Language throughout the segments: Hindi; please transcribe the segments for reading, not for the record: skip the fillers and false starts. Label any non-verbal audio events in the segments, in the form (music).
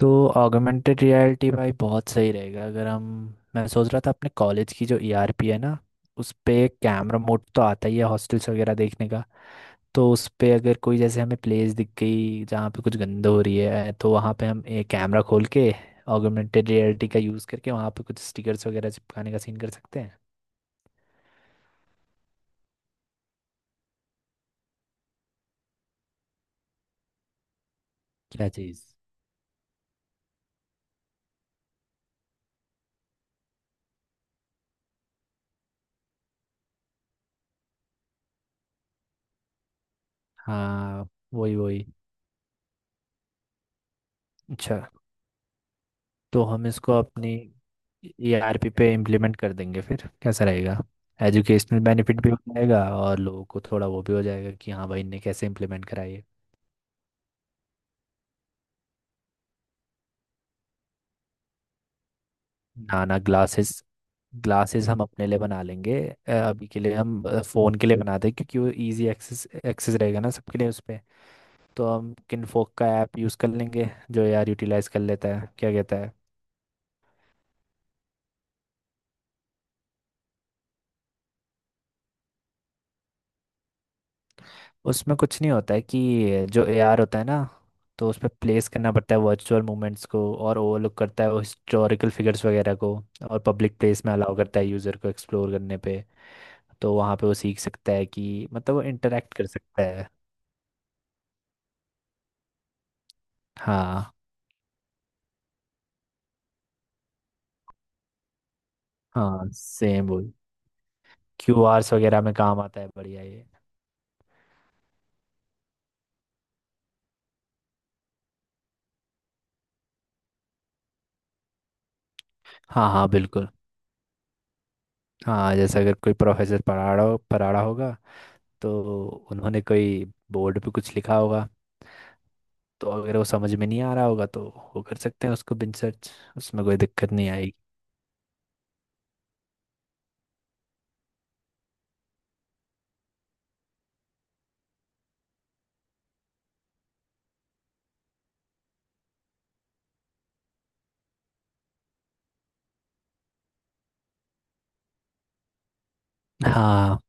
तो ऑगमेंटेड रियलिटी, भाई, बहुत सही रहेगा अगर हम मैं सोच रहा था। अपने कॉलेज की जो ईआरपी है ना, उस पे कैमरा मोड तो आता ही है, हॉस्टल्स वगैरह देखने का। तो उस पे अगर कोई, जैसे हमें प्लेस दिख गई जहाँ पे कुछ गंद हो रही है, तो वहाँ पे हम एक कैमरा खोल के ऑगमेंटेड रियलिटी का यूज़ करके वहाँ पे कुछ स्टिकर्स वगैरह चिपकाने का सीन कर सकते हैं। क्या चीज़? हाँ, वही वही। अच्छा। तो हम इसको अपनी ईआरपी पे इम्प्लीमेंट कर देंगे फिर, कैसा रहेगा? एजुकेशनल बेनिफिट भी हो जाएगा और लोगों को थोड़ा वो भी हो जाएगा कि हाँ भाई, इनने कैसे इम्प्लीमेंट कराई है। ना ना, ग्लासेस ग्लासेस हम अपने लिए बना लेंगे। अभी के लिए हम फ़ोन के लिए बनाते हैं क्योंकि वो इजी एक्सेस एक्सेस रहेगा ना सबके लिए उस पे। तो हम किनफोक का ऐप यूज़ कर लेंगे जो यार यूटिलाइज कर लेता है, क्या कहता है? उसमें कुछ नहीं होता है कि जो एआर होता है ना, तो उस पर प्लेस करना पड़ता है वर्चुअल मूवमेंट्स को। और ओवरलुक करता है वो हिस्टोरिकल फिगर्स वगैरह को। और पब्लिक प्लेस में अलाउ करता है यूज़र को एक्सप्लोर करने पे। तो वहाँ पे वो सीख सकता है कि मतलब वो इंटरेक्ट कर सकता है। हाँ हाँ, सेम वो क्यूआरस वगैरह में काम आता है, बढ़िया ये। हाँ हाँ, बिल्कुल। हाँ, जैसे अगर कोई प्रोफेसर पढ़ा रहा होगा, तो उन्होंने कोई बोर्ड पे कुछ लिखा होगा। तो अगर वो समझ में नहीं आ रहा होगा, तो वो कर सकते हैं उसको बिन सर्च। उसमें कोई दिक्कत नहीं आएगी। हाँ,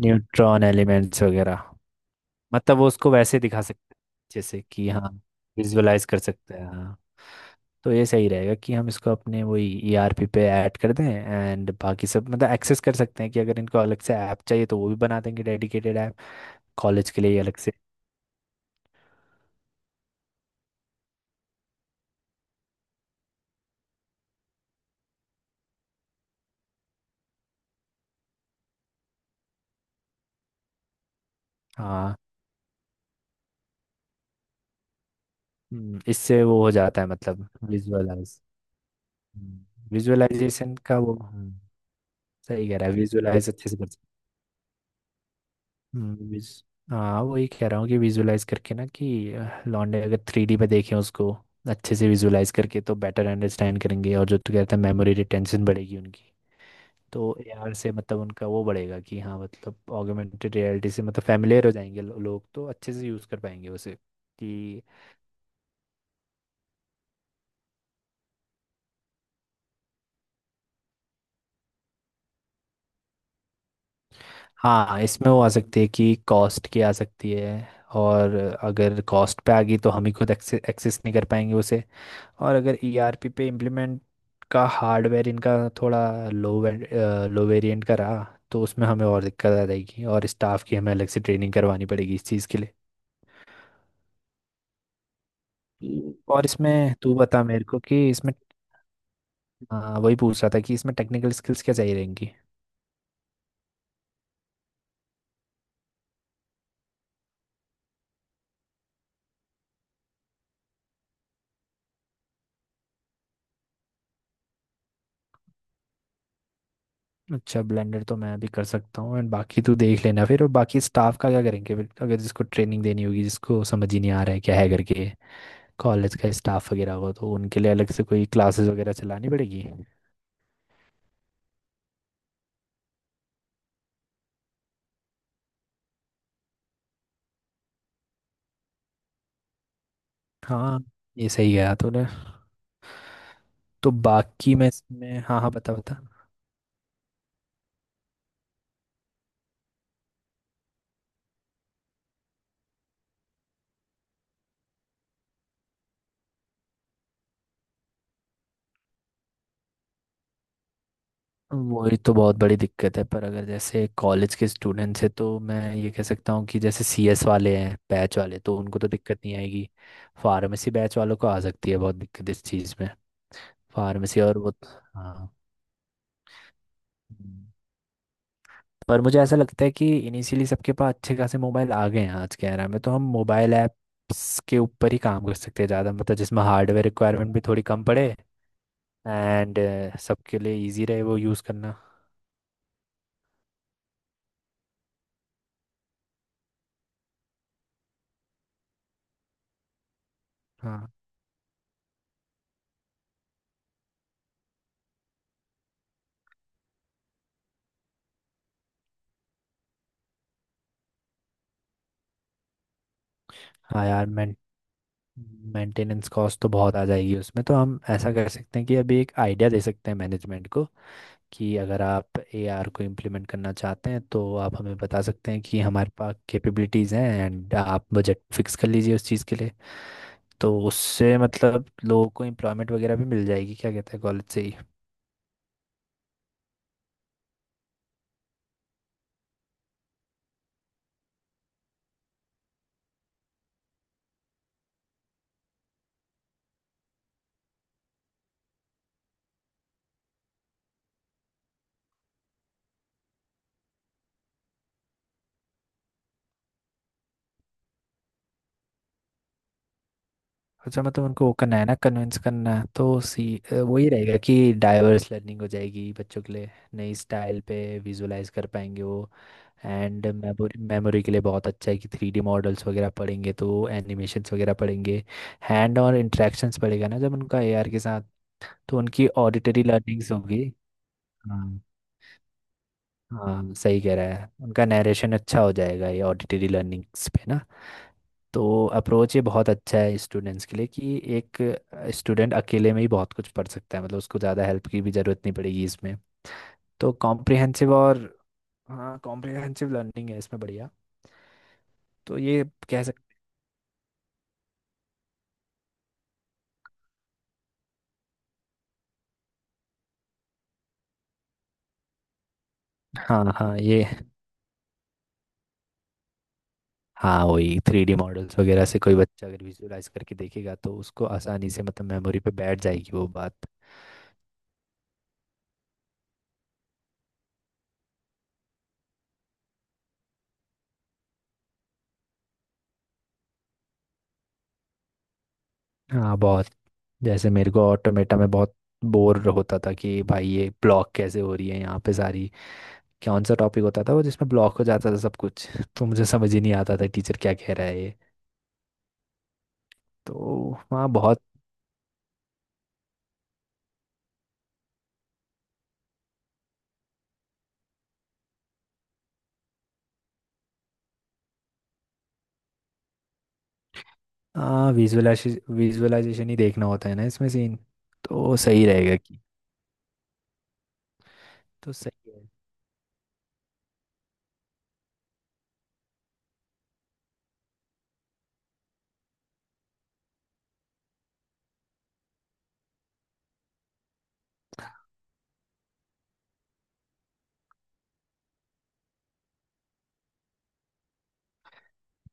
न्यूट्रॉन एलिमेंट्स वगैरह। मतलब वो उसको वैसे दिखा सकते हैं। जैसे कि हाँ, विजुअलाइज कर सकते हैं, हाँ। तो ये सही रहेगा कि हम इसको अपने वही ईआरपी पे ऐड कर दें, एंड बाकी सब मतलब एक्सेस कर सकते हैं। कि अगर इनको अलग से ऐप चाहिए तो वो भी बना देंगे डेडिकेटेड ऐप, कॉलेज के लिए ही अलग से। हाँ। इससे वो हो जाता है मतलब विजुअलाइज, विजुअलाइजेशन का वो, हाँ। सही कह रहा है, विजुअलाइज अच्छे से कर सकते हैं। हाँ, वही कह रहा हूँ कि विजुअलाइज करके, ना कि लॉन्डे अगर 3D पे देखें उसको अच्छे से विजुअलाइज करके तो बेटर अंडरस्टैंड करेंगे, और जो तू कहता है मेमोरी रिटेंशन बढ़ेगी उनकी। तो एआर से मतलब उनका वो बढ़ेगा कि हाँ, मतलब ऑगमेंटेड रियलिटी से मतलब फैमिलियर हो जाएंगे, लोग तो अच्छे से यूज़ कर पाएंगे उसे। कि हाँ, इसमें वो आ सकती है कि कॉस्ट की आ सकती है। और अगर कॉस्ट पे आ गई तो हम ही खुद एक्सेस नहीं कर पाएंगे उसे। और अगर ईआरपी पे इम्प्लीमेंट का हार्डवेयर इनका थोड़ा लो लो वेरिएंट का रहा, तो उसमें हमें और दिक्कत आ जाएगी, और स्टाफ की हमें अलग से ट्रेनिंग करवानी पड़ेगी इस चीज़ के लिए। और इसमें तू बता मेरे को कि इसमें। हाँ, वही पूछ रहा था कि इसमें टेक्निकल स्किल्स क्या चाहिए रहेंगी। अच्छा, ब्लेंडर तो मैं भी कर सकता हूँ, एंड बाकी तू देख लेना फिर। और बाकी स्टाफ का क्या करेंगे फिर, अगर जिसको ट्रेनिंग देनी होगी, जिसको समझ ही नहीं आ रहा है क्या है करके। कॉलेज का स्टाफ वगैरह हो तो उनके लिए अलग से कोई क्लासेस वगैरह चलानी पड़ेगी। हाँ, ये सही गया तूने। तो बाकी मैं इसमें, हाँ हाँ, बता बता। वही तो बहुत बड़ी दिक्कत है, पर अगर जैसे कॉलेज के स्टूडेंट्स हैं तो मैं ये कह सकता हूँ कि जैसे सीएस वाले हैं, बैच वाले, तो उनको तो दिक्कत नहीं आएगी। फार्मेसी बैच वालों को आ सकती है बहुत दिक्कत इस चीज़ में। फार्मेसी और वो तो, हाँ। हम्म। पर मुझे ऐसा लगता है कि इनिशियली सबके पास अच्छे खासे मोबाइल आ गए हैं आज के era में, तो हम मोबाइल ऐप्स के ऊपर ही काम कर सकते हैं ज़्यादा, मतलब जिसमें हार्डवेयर रिक्वायरमेंट भी थोड़ी कम पड़े, एंड सबके लिए इजी रहे वो यूज़ करना। हाँ हाँ, यार मैं, मेंटेनेंस कॉस्ट तो बहुत आ जाएगी उसमें। तो हम ऐसा कर सकते हैं कि अभी एक आइडिया दे सकते हैं मैनेजमेंट को, कि अगर आप एआर को इम्प्लीमेंट करना चाहते हैं तो आप हमें बता सकते हैं कि हमारे पास कैपेबिलिटीज़ हैं, एंड आप बजट फिक्स कर लीजिए उस चीज़ के लिए। तो उससे मतलब लोगों को एम्प्लॉयमेंट वगैरह भी मिल जाएगी, क्या कहते हैं, कॉलेज से ही। अच्छा, मतलब उनको वो करना है ना, कन्विंस करना, तो सी, वही रहेगा कि डाइवर्स लर्निंग हो जाएगी बच्चों के लिए, नई स्टाइल पे विजुलाइज कर पाएंगे वो। एंड मेमोरी, मेमोरी के लिए बहुत अच्छा है कि 3D मॉडल्स वगैरह पढ़ेंगे तो एनिमेशंस वगैरह पढ़ेंगे। हैंड और इंट्रैक्शंस पड़ेगा ना जब उनका AR के साथ, तो उनकी ऑडिटरी लर्निंग्स होगी। हाँ हाँ, सही कह रहा है, उनका नरेशन अच्छा हो जाएगा ये ऑडिटरी लर्निंग्स पे ना। तो अप्रोच ये बहुत अच्छा है स्टूडेंट्स के लिए, कि एक स्टूडेंट अकेले में ही बहुत कुछ पढ़ सकता है, मतलब उसको ज़्यादा हेल्प की भी ज़रूरत नहीं पड़ेगी इसमें। तो कॉम्प्रिहेंसिव और, हाँ, कॉम्प्रिहेंसिव लर्निंग है इसमें, बढ़िया। तो ये कह सकते, हाँ हाँ, ये। हाँ, वही 3D मॉडल्स वगैरह से कोई बच्चा अगर विजुअलाइज करके देखेगा, तो उसको आसानी से मतलब मेमोरी पे बैठ जाएगी वो बात। हाँ बहुत, जैसे मेरे को ऑटोमेटा में बहुत बोर होता था कि भाई ये ब्लॉक कैसे हो रही है यहाँ पे सारी, कौन सा टॉपिक होता था वो जिसमें ब्लॉक हो जाता था सब कुछ (laughs) तो मुझे समझ ही नहीं आता था टीचर क्या कह रहा है ये। तो वहाँ बहुत, विजुअलाइजेशन, विजुअलाइजेशन ही देखना होता है ना इसमें सीन। तो सही रहेगा कि, तो सही है।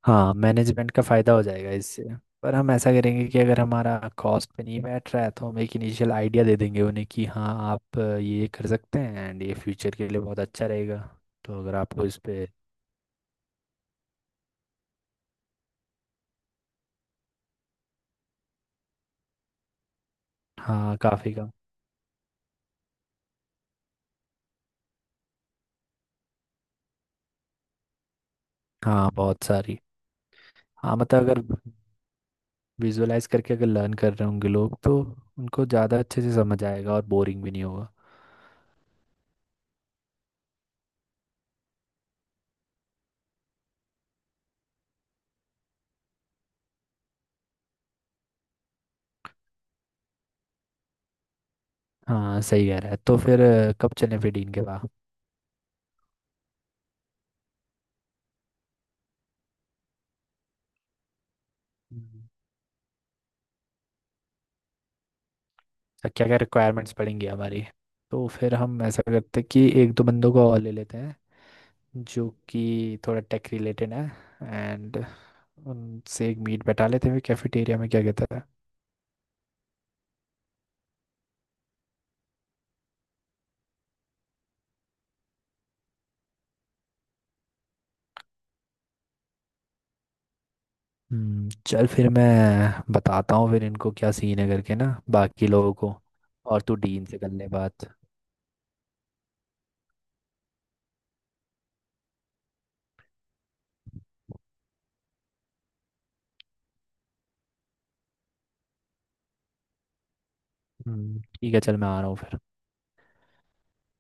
हाँ, मैनेजमेंट का फ़ायदा हो जाएगा इससे। पर हम ऐसा करेंगे कि अगर हमारा कॉस्ट पे नहीं बैठ रहा है तो हम एक इनिशियल आइडिया दे देंगे उन्हें कि हाँ आप ये कर सकते हैं, एंड ये फ्यूचर के लिए बहुत अच्छा रहेगा। तो अगर आपको इस पे, हाँ काफ़ी का, हाँ बहुत सारी। हाँ मतलब, अगर विजुअलाइज करके अगर लर्न कर रहे होंगे लोग, तो उनको ज़्यादा अच्छे से समझ आएगा और बोरिंग भी नहीं होगा। हाँ, सही कह रहा है। तो फिर कब चलें फिर डीन के पास? हम्म। तो क्या क्या रिक्वायरमेंट्स पड़ेंगी हमारी। तो फिर हम ऐसा करते हैं कि एक दो बंदों को और ले लेते हैं जो कि थोड़ा टेक रिलेटेड है, एंड उनसे एक मीट बैठा लेते हैं कैफेटेरिया में, क्या कहता है? हम्म, चल फिर मैं बताता हूँ फिर इनको क्या सीन है करके ना, बाकी लोगों को। और तू डीन से कर ले बात। ठीक है, चल मैं आ रहा हूँ फिर।